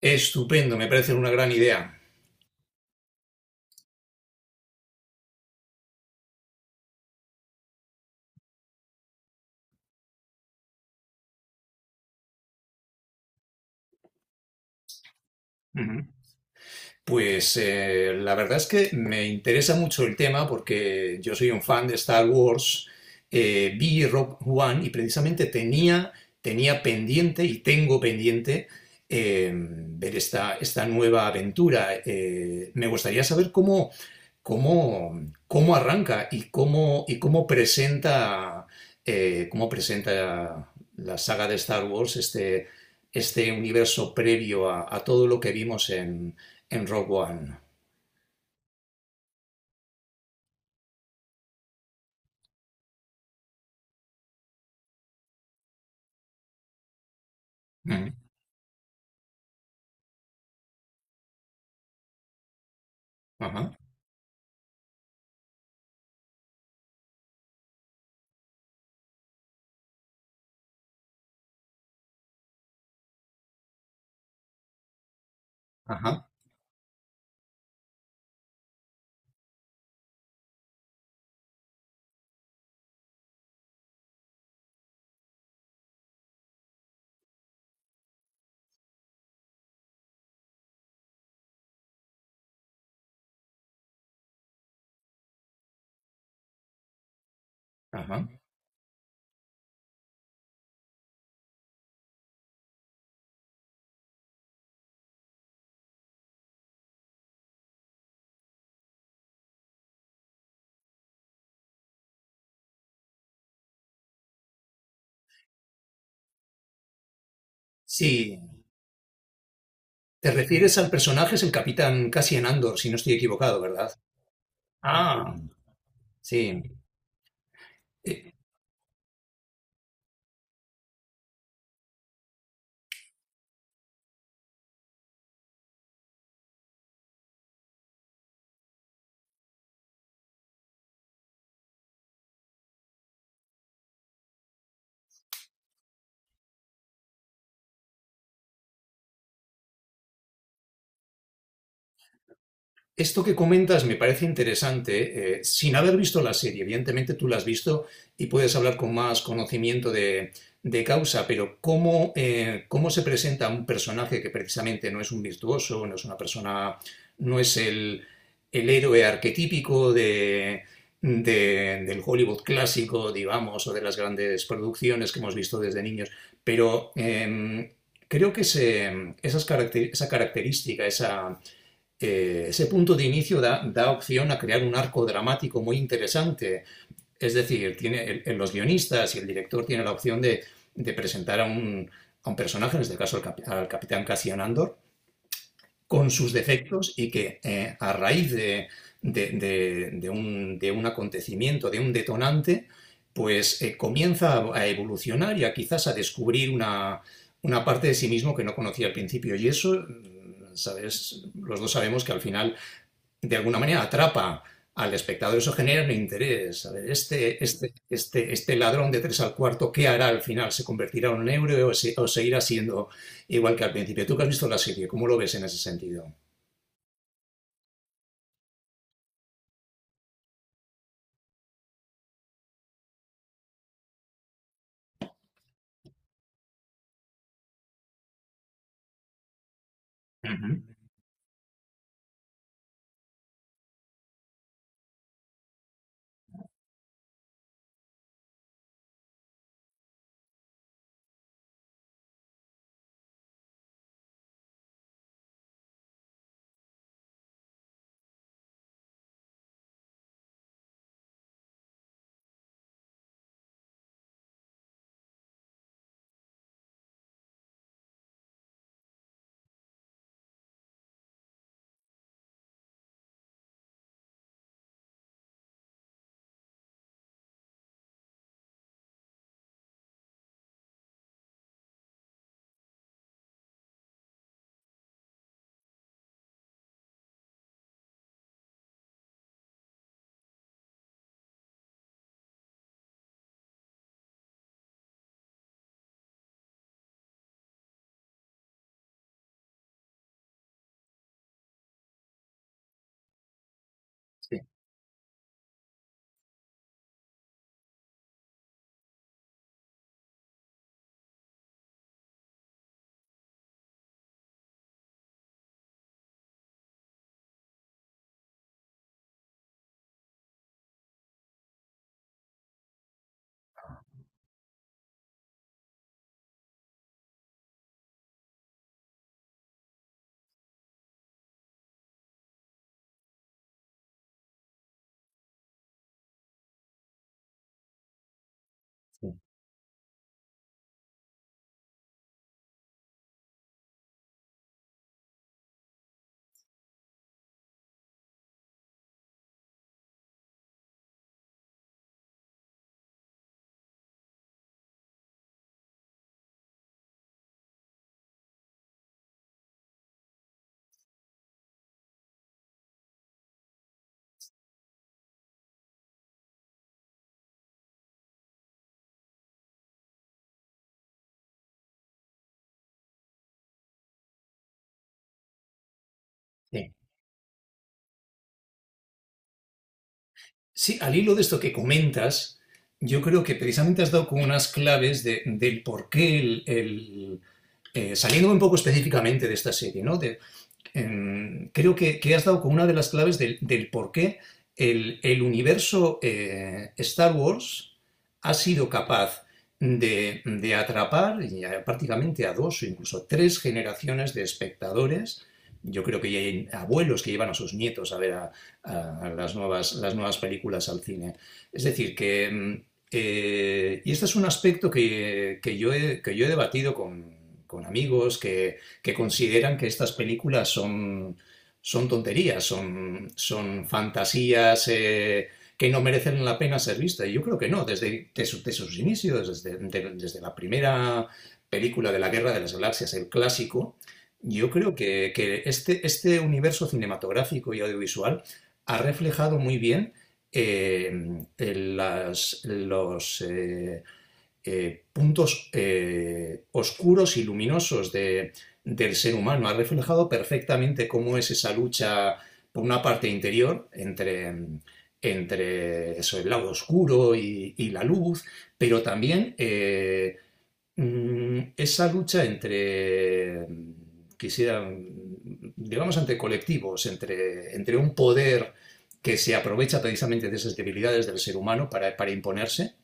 Estupendo, me parece una gran idea. Ujú. Pues la verdad es que me interesa mucho el tema porque yo soy un fan de Star Wars. Vi Rogue One y precisamente tenía pendiente y tengo pendiente, ver esta nueva aventura. Me gustaría saber cómo, cómo arranca y cómo presenta la saga de Star Wars este universo previo a todo lo que vimos en Rogue One. Mm. Ajá, ajá, ajá. Sí, te refieres al personaje, es el capitán Cassian Andor, si no estoy equivocado, ¿verdad? Ah, sí. Eh, Esto que comentas me parece interesante, sin haber visto la serie. Evidentemente tú la has visto y puedes hablar con más conocimiento de causa, pero ¿cómo, cómo se presenta un personaje que precisamente no es un virtuoso, no es una persona, no es el héroe arquetípico del Hollywood clásico, digamos, o de las grandes producciones que hemos visto desde niños? Pero creo que esa característica, esa ese punto de inicio da opción a crear un arco dramático muy interesante. Es decir, tiene, los guionistas y el director tienen la opción de presentar a un personaje, en este caso al, al capitán Cassian Andor, con sus defectos, y que a raíz de un acontecimiento, de un detonante, pues comienza a evolucionar y a quizás a descubrir una parte de sí mismo que no conocía al principio. Y eso, mm, sabes, los dos sabemos que al final de alguna manera atrapa al espectador, eso genera un interés. A ver, este ladrón de tres al cuarto, ¿qué hará al final? ¿Se convertirá en un héroe o seguirá siendo igual que al principio? Tú que has visto la serie, ¿cómo lo ves en ese sentido? Uh -huh. Sí. Sí, al hilo de esto que comentas, yo creo que precisamente has dado como unas claves del por qué saliéndome un poco específicamente de esta serie, ¿no? Creo que has dado con una de las claves del por qué el universo Star Wars ha sido capaz de atrapar ya prácticamente a dos o incluso tres generaciones de espectadores. Yo creo que ya hay abuelos que llevan a sus nietos a ver las nuevas películas al cine. Es decir, que y este es un aspecto que yo he debatido con amigos consideran que estas películas son tonterías, son fantasías que no merecen la pena ser vistas. Y yo creo que no. Desde desde sus inicios, desde la primera película de la Guerra de las Galaxias, el clásico, yo creo que este universo cinematográfico y audiovisual ha reflejado muy bien las- los puntos oscuros y luminosos del ser humano. Ha reflejado perfectamente cómo es esa lucha, por una parte interior, entre eso, el lado oscuro y la luz, pero también esa lucha entre, digamos, entre colectivos, entre un poder que se aprovecha precisamente de esas debilidades del ser humano para imponerse,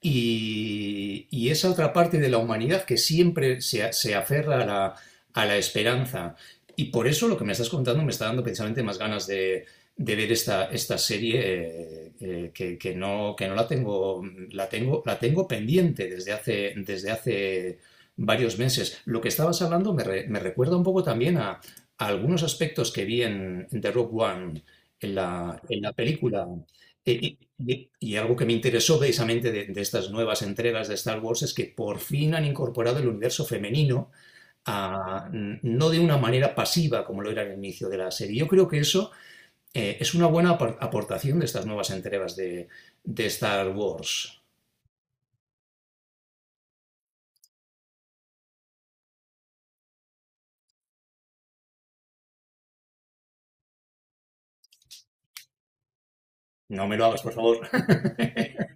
y esa otra parte de la humanidad que siempre se aferra a a la esperanza. Y por eso lo que me estás contando me está dando precisamente más ganas de ver esta serie, que no la tengo, la tengo pendiente desde hace varios meses. Lo que estabas hablando me recuerda un poco también a algunos aspectos que vi en The Rogue One, en en la película. Eh, Y, y algo que me interesó precisamente de estas nuevas entregas de Star Wars es que por fin han incorporado el universo femenino, no de una manera pasiva como lo era al inicio de la serie. Yo creo que eso es una buena aportación de estas nuevas entregas de Star Wars. No me lo hagas, por favor.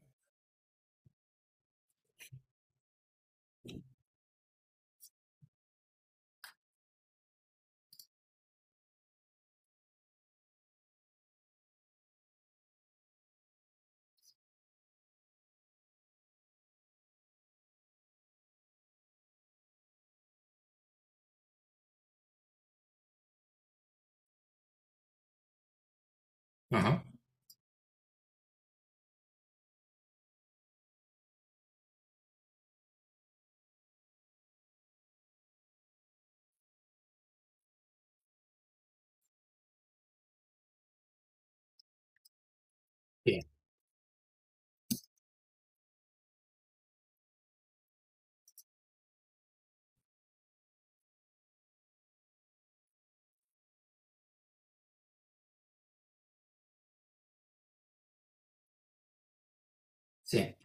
Ajá, sí, sí,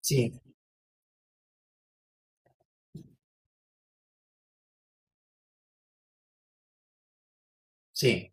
sí, sí,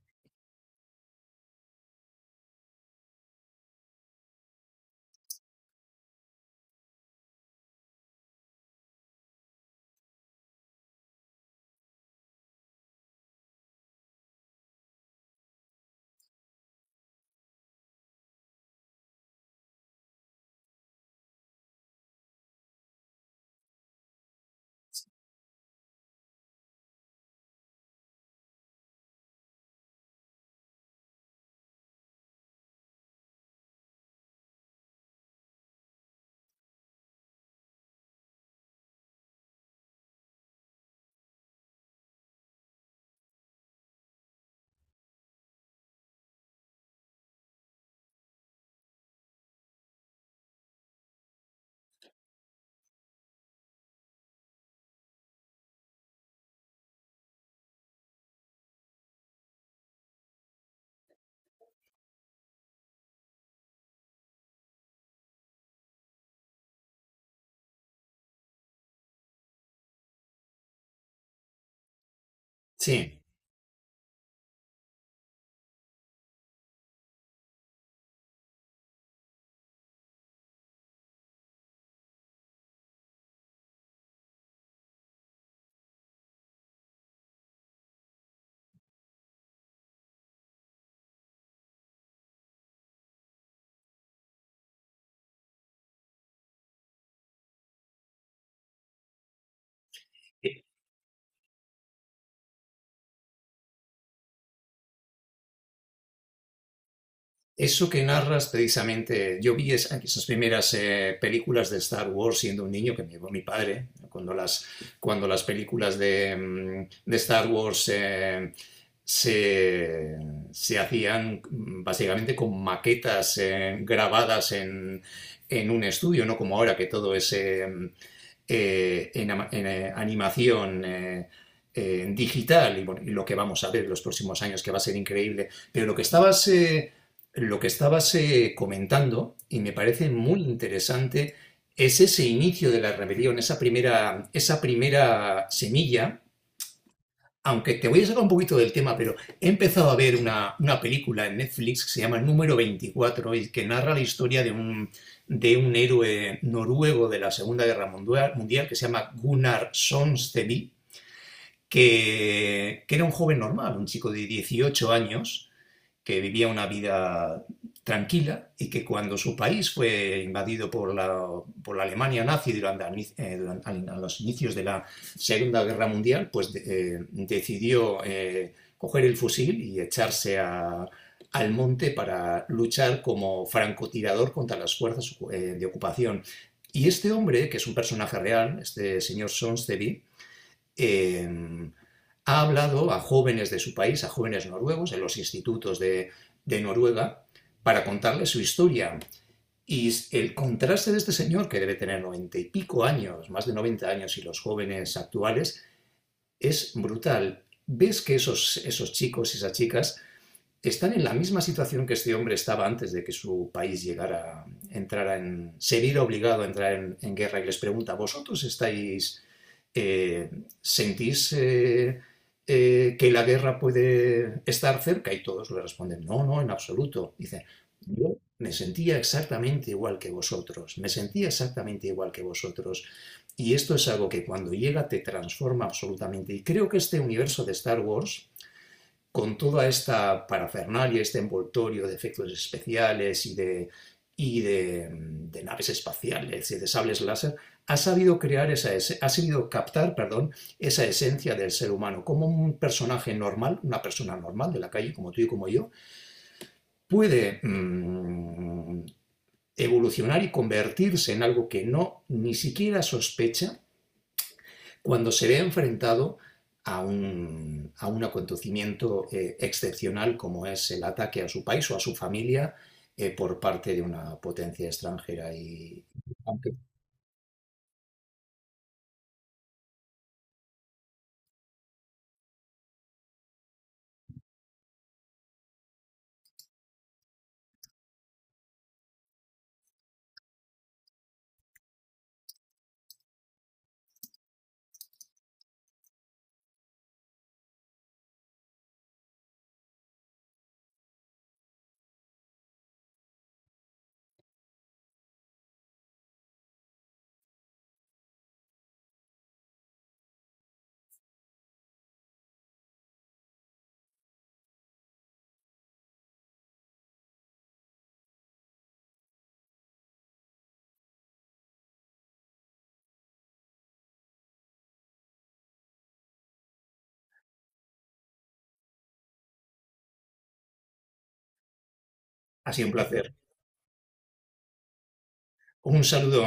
sí. Eso que narras precisamente, yo vi esas primeras películas de Star Wars siendo un niño que me llevó mi padre, cuando cuando las películas de, mm, de Star Wars se, se hacían, mm, básicamente con maquetas grabadas en un estudio, no como ahora que todo es animación digital. Y bueno, y lo que vamos a ver los próximos años que va a ser increíble. Pero lo que estabas comentando, y me parece muy interesante, es ese inicio de la rebelión, esa primera semilla. Aunque te voy a sacar un poquito del tema, pero he empezado a ver una película en Netflix que se llama Número 24 y que narra la historia de un héroe noruego de la Segunda Guerra Mundial que se llama Gunnar Sonsteby, que era un joven normal, un chico de 18 años, que vivía una vida tranquila y que cuando su país fue invadido por por la Alemania nazi durante, a los inicios de la Segunda Guerra Mundial, pues decidió coger el fusil y echarse al monte para luchar como francotirador contra las fuerzas de ocupación. Y este hombre, que es un personaje real, este señor Sonstevi, eh, ha hablado a jóvenes de su país, a jóvenes noruegos, en los institutos de Noruega, para contarles su historia. Y el contraste de este señor, que debe tener 90 y pico años, más de 90 años, y los jóvenes actuales, es brutal. Ves que esos chicos y esas chicas están en la misma situación que este hombre estaba antes de que su país llegara, se viera obligado a entrar en guerra, y les pregunta: ¿vosotros estáis eh, ¿sentís que la guerra puede estar cerca? Y todos le responden: no, no, en absoluto. Dice: yo me sentía exactamente igual que vosotros, me sentía exactamente igual que vosotros. Y esto es algo que cuando llega te transforma absolutamente. Y creo que este universo de Star Wars con toda esta parafernalia, este envoltorio de efectos especiales y de naves espaciales y de sables láser, ha sabido crear esa ha sabido captar, perdón, esa esencia del ser humano, como un personaje normal, una persona normal de la calle como tú y como yo, puede mmm, evolucionar y convertirse en algo que no ni siquiera sospecha cuando se ve enfrentado a un acontecimiento excepcional, como es el ataque a su país o a su familia por parte de una potencia extranjera. Y aunque ha sido un placer. Un saludo.